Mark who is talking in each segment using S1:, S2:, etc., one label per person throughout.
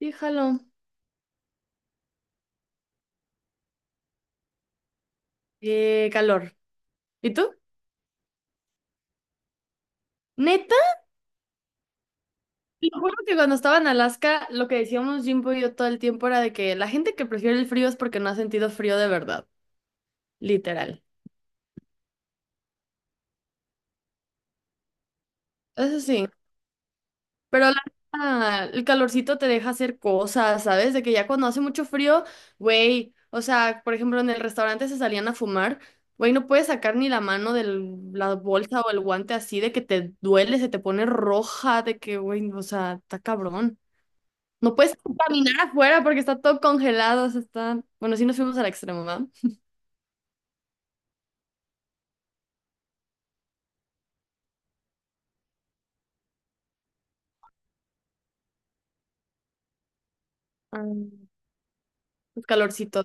S1: Fíjalo. Calor. ¿Y tú? Neta, te lo juro que cuando estaba en Alaska, lo que decíamos Jimbo y yo todo el tiempo era de que la gente que prefiere el frío es porque no ha sentido frío de verdad, literal. Eso sí, pero la neta, el calorcito te deja hacer cosas, ¿sabes? De que ya cuando hace mucho frío, güey, o sea, por ejemplo, en el restaurante se salían a fumar, güey, no puedes sacar ni la mano de la bolsa o el guante así, de que te duele, se te pone roja, de que, güey, o sea, está cabrón. No puedes caminar afuera porque está todo congelado, o sea, está... Bueno, sí nos fuimos al extremo, ¿verdad? Ah, pues calorcito.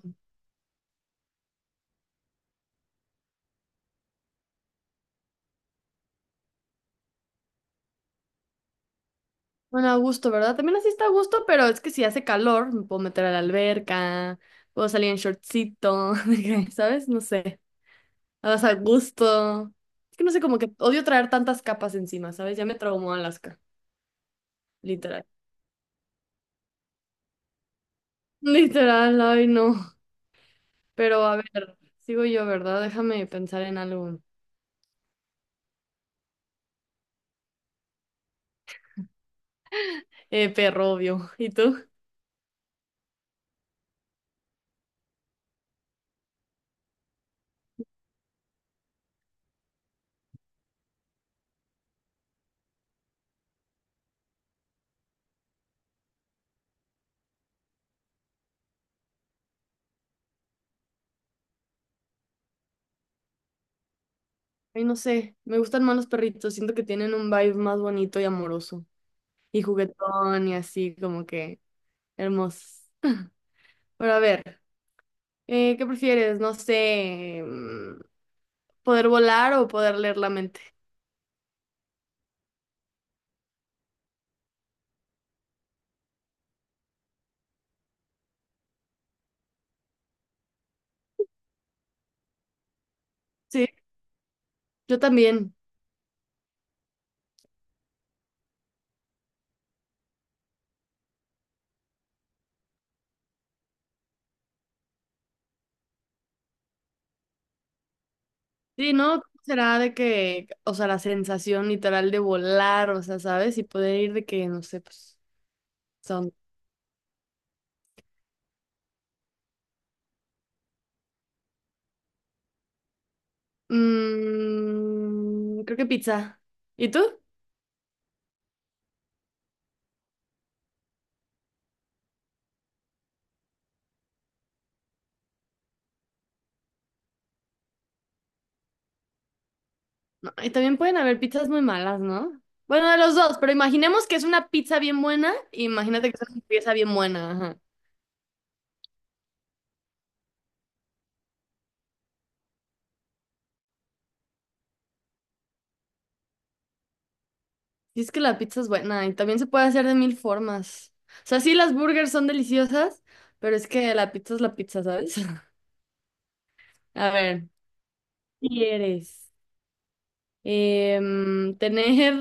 S1: Bueno, a gusto, ¿verdad? También así está a gusto, pero es que si hace calor, me puedo meter a la alberca, puedo salir en shortcito, de que, ¿sabes? No sé, vas a gusto. Es que no sé, como que odio traer tantas capas encima, ¿sabes? Ya me traumó Alaska, literal. Literal, ay no. Pero a ver, sigo yo, ¿verdad? Déjame pensar en algo. Perro, obvio. ¿Y tú? Ay, no sé, me gustan más los perritos, siento que tienen un vibe más bonito y amoroso, y juguetón y así, como que hermosos. Pero a ver, ¿qué prefieres? No sé, poder volar o poder leer la mente. Sí, yo también. Sí, ¿no? ¿Cómo será de que, o sea, la sensación literal de volar, o sea, ¿sabes? Y poder ir de que, no sé, pues, son. Creo que pizza. ¿Y tú? No, y también pueden haber pizzas muy malas, ¿no? Bueno, de los dos, pero imaginemos que es una pizza bien buena, e imagínate que es una pieza bien buena, ajá. Si es que la pizza es buena y también se puede hacer de mil formas. O sea, sí, las burgers son deliciosas, pero es que la pizza es la pizza, ¿sabes? A ver, ¿qué ¿quieres? Tener...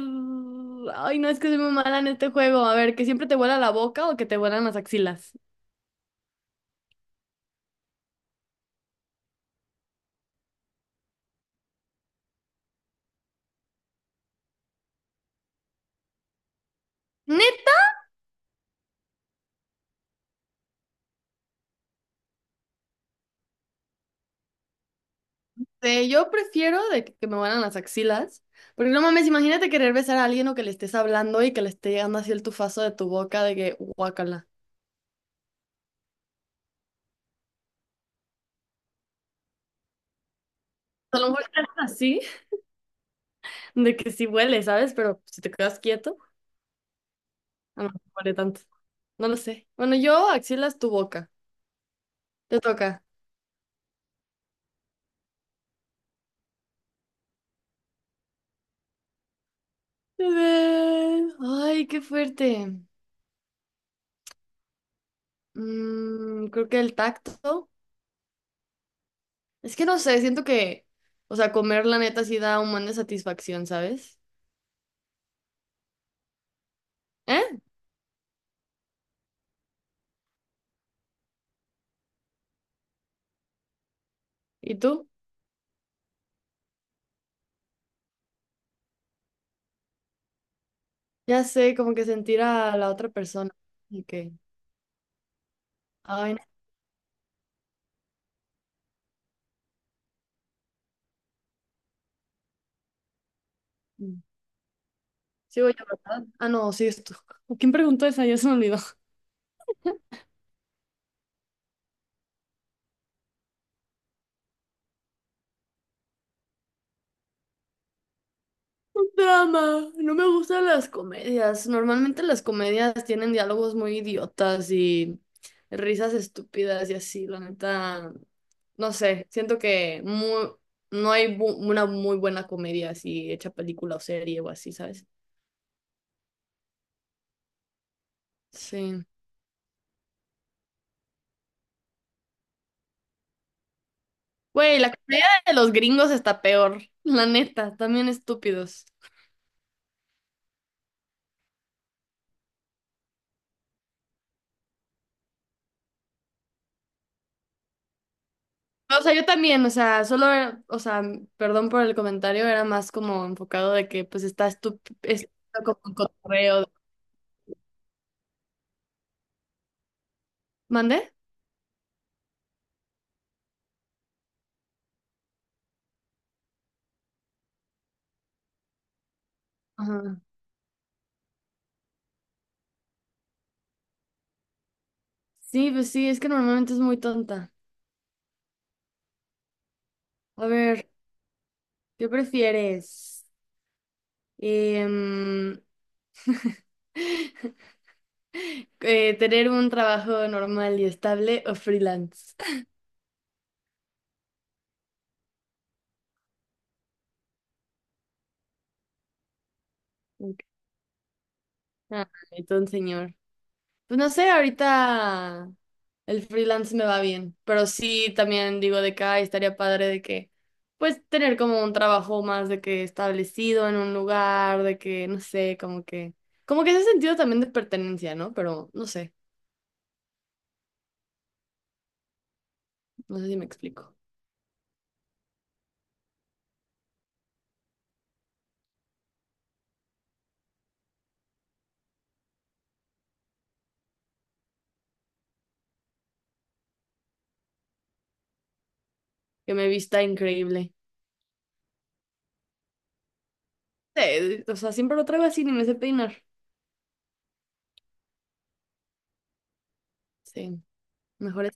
S1: Ay, no, es que soy muy mala en este juego. A ver, ¿que siempre te vuela la boca o que te vuelan las axilas? Sí, yo prefiero de que me vuelan las axilas, porque no mames, imagínate querer besar a alguien o que le estés hablando y que le esté llegando así el tufazo de tu boca de que guácala. A lo mejor te haces así, de que sí huele, ¿sabes? Pero si te quedas quieto, a lo mejor no huele tanto. No lo sé. Bueno, yo axilas tu boca. Te toca. Ay, qué fuerte. Creo que el tacto. Es que no sé, siento que, o sea, comer la neta sí da un buen de satisfacción, ¿sabes? ¿Eh? ¿Y tú? Ya sé, como que sentir a la otra persona. Ok. Ay, no. mm, sigo yo, ¿verdad? Ah, no, sigues tú. ¿Quién preguntó esa? Ya se me olvidó. Drama. No me gustan las comedias. Normalmente las comedias tienen diálogos muy idiotas y risas estúpidas y así. La neta, no sé. Siento que no hay una muy buena comedia así, hecha película o serie o así, ¿sabes? Sí. Güey, la comedia de los gringos está peor. La neta, también estúpidos. O sea, yo también, o sea, solo, o sea, perdón por el comentario, era más como enfocado de que pues está es como un cotorreo. ¿Mande? Ajá. Sí, pues sí, es que normalmente es muy tonta. A ver, ¿qué prefieres? Em, ¿Tener un trabajo normal y estable o freelance? Ok. Ay, ton señor. Pues no sé, ahorita el freelance me va bien, pero sí también digo de que ay, estaría padre de que, pues tener como un trabajo más de que establecido en un lugar, de que, no sé, como que ese sentido también de pertenencia, ¿no? Pero no sé, no sé si me explico. Que me vista increíble. Sí, o sea, siempre lo traigo así, ni me sé peinar. Sí, mejor es.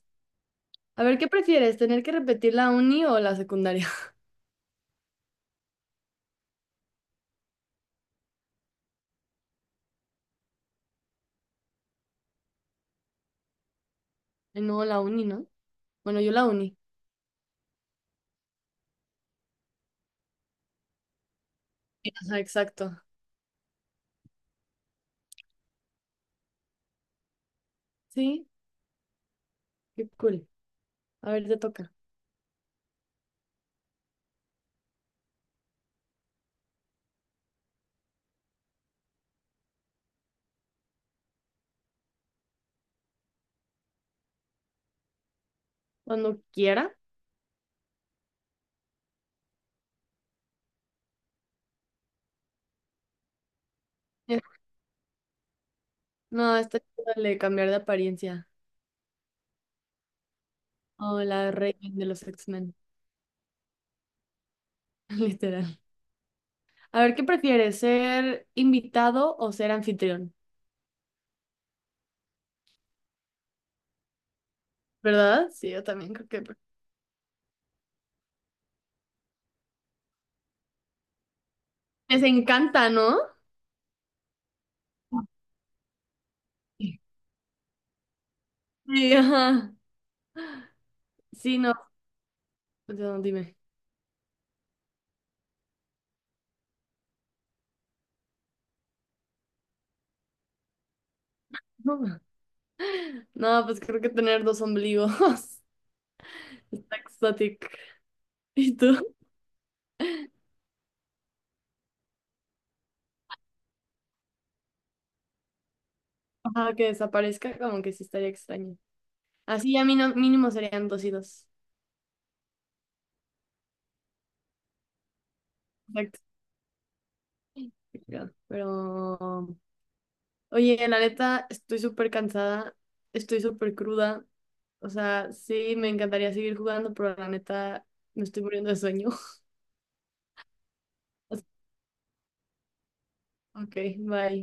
S1: A ver, ¿qué prefieres? ¿Tener que repetir la uni o la secundaria? Ay, no, la uni, ¿no? Bueno, yo la uni. Ajá, exacto. Sí, qué cool. A ver, te toca. Cuando quiera. Eh, No, esta es la de cambiar de apariencia. O la reina de los X-Men, literal. A ver, ¿qué prefieres? ¿Ser invitado o ser anfitrión? ¿Verdad? Sí, yo también creo que... Les encanta, ¿no? Sí. Sí, ajá. Sí, no. Pues, no, dime. No, no, pues creo que tener dos ombligos. Está exótico. ¿Y tú? Ajá, que desaparezca, como que sí estaría extraño. Así ya mínimo, mínimo serían dos y dos. Pero, oye, la neta, estoy súper cansada, estoy súper cruda. O sea, sí, me encantaría seguir jugando, pero la neta, me estoy muriendo de sueño. Ok, bye.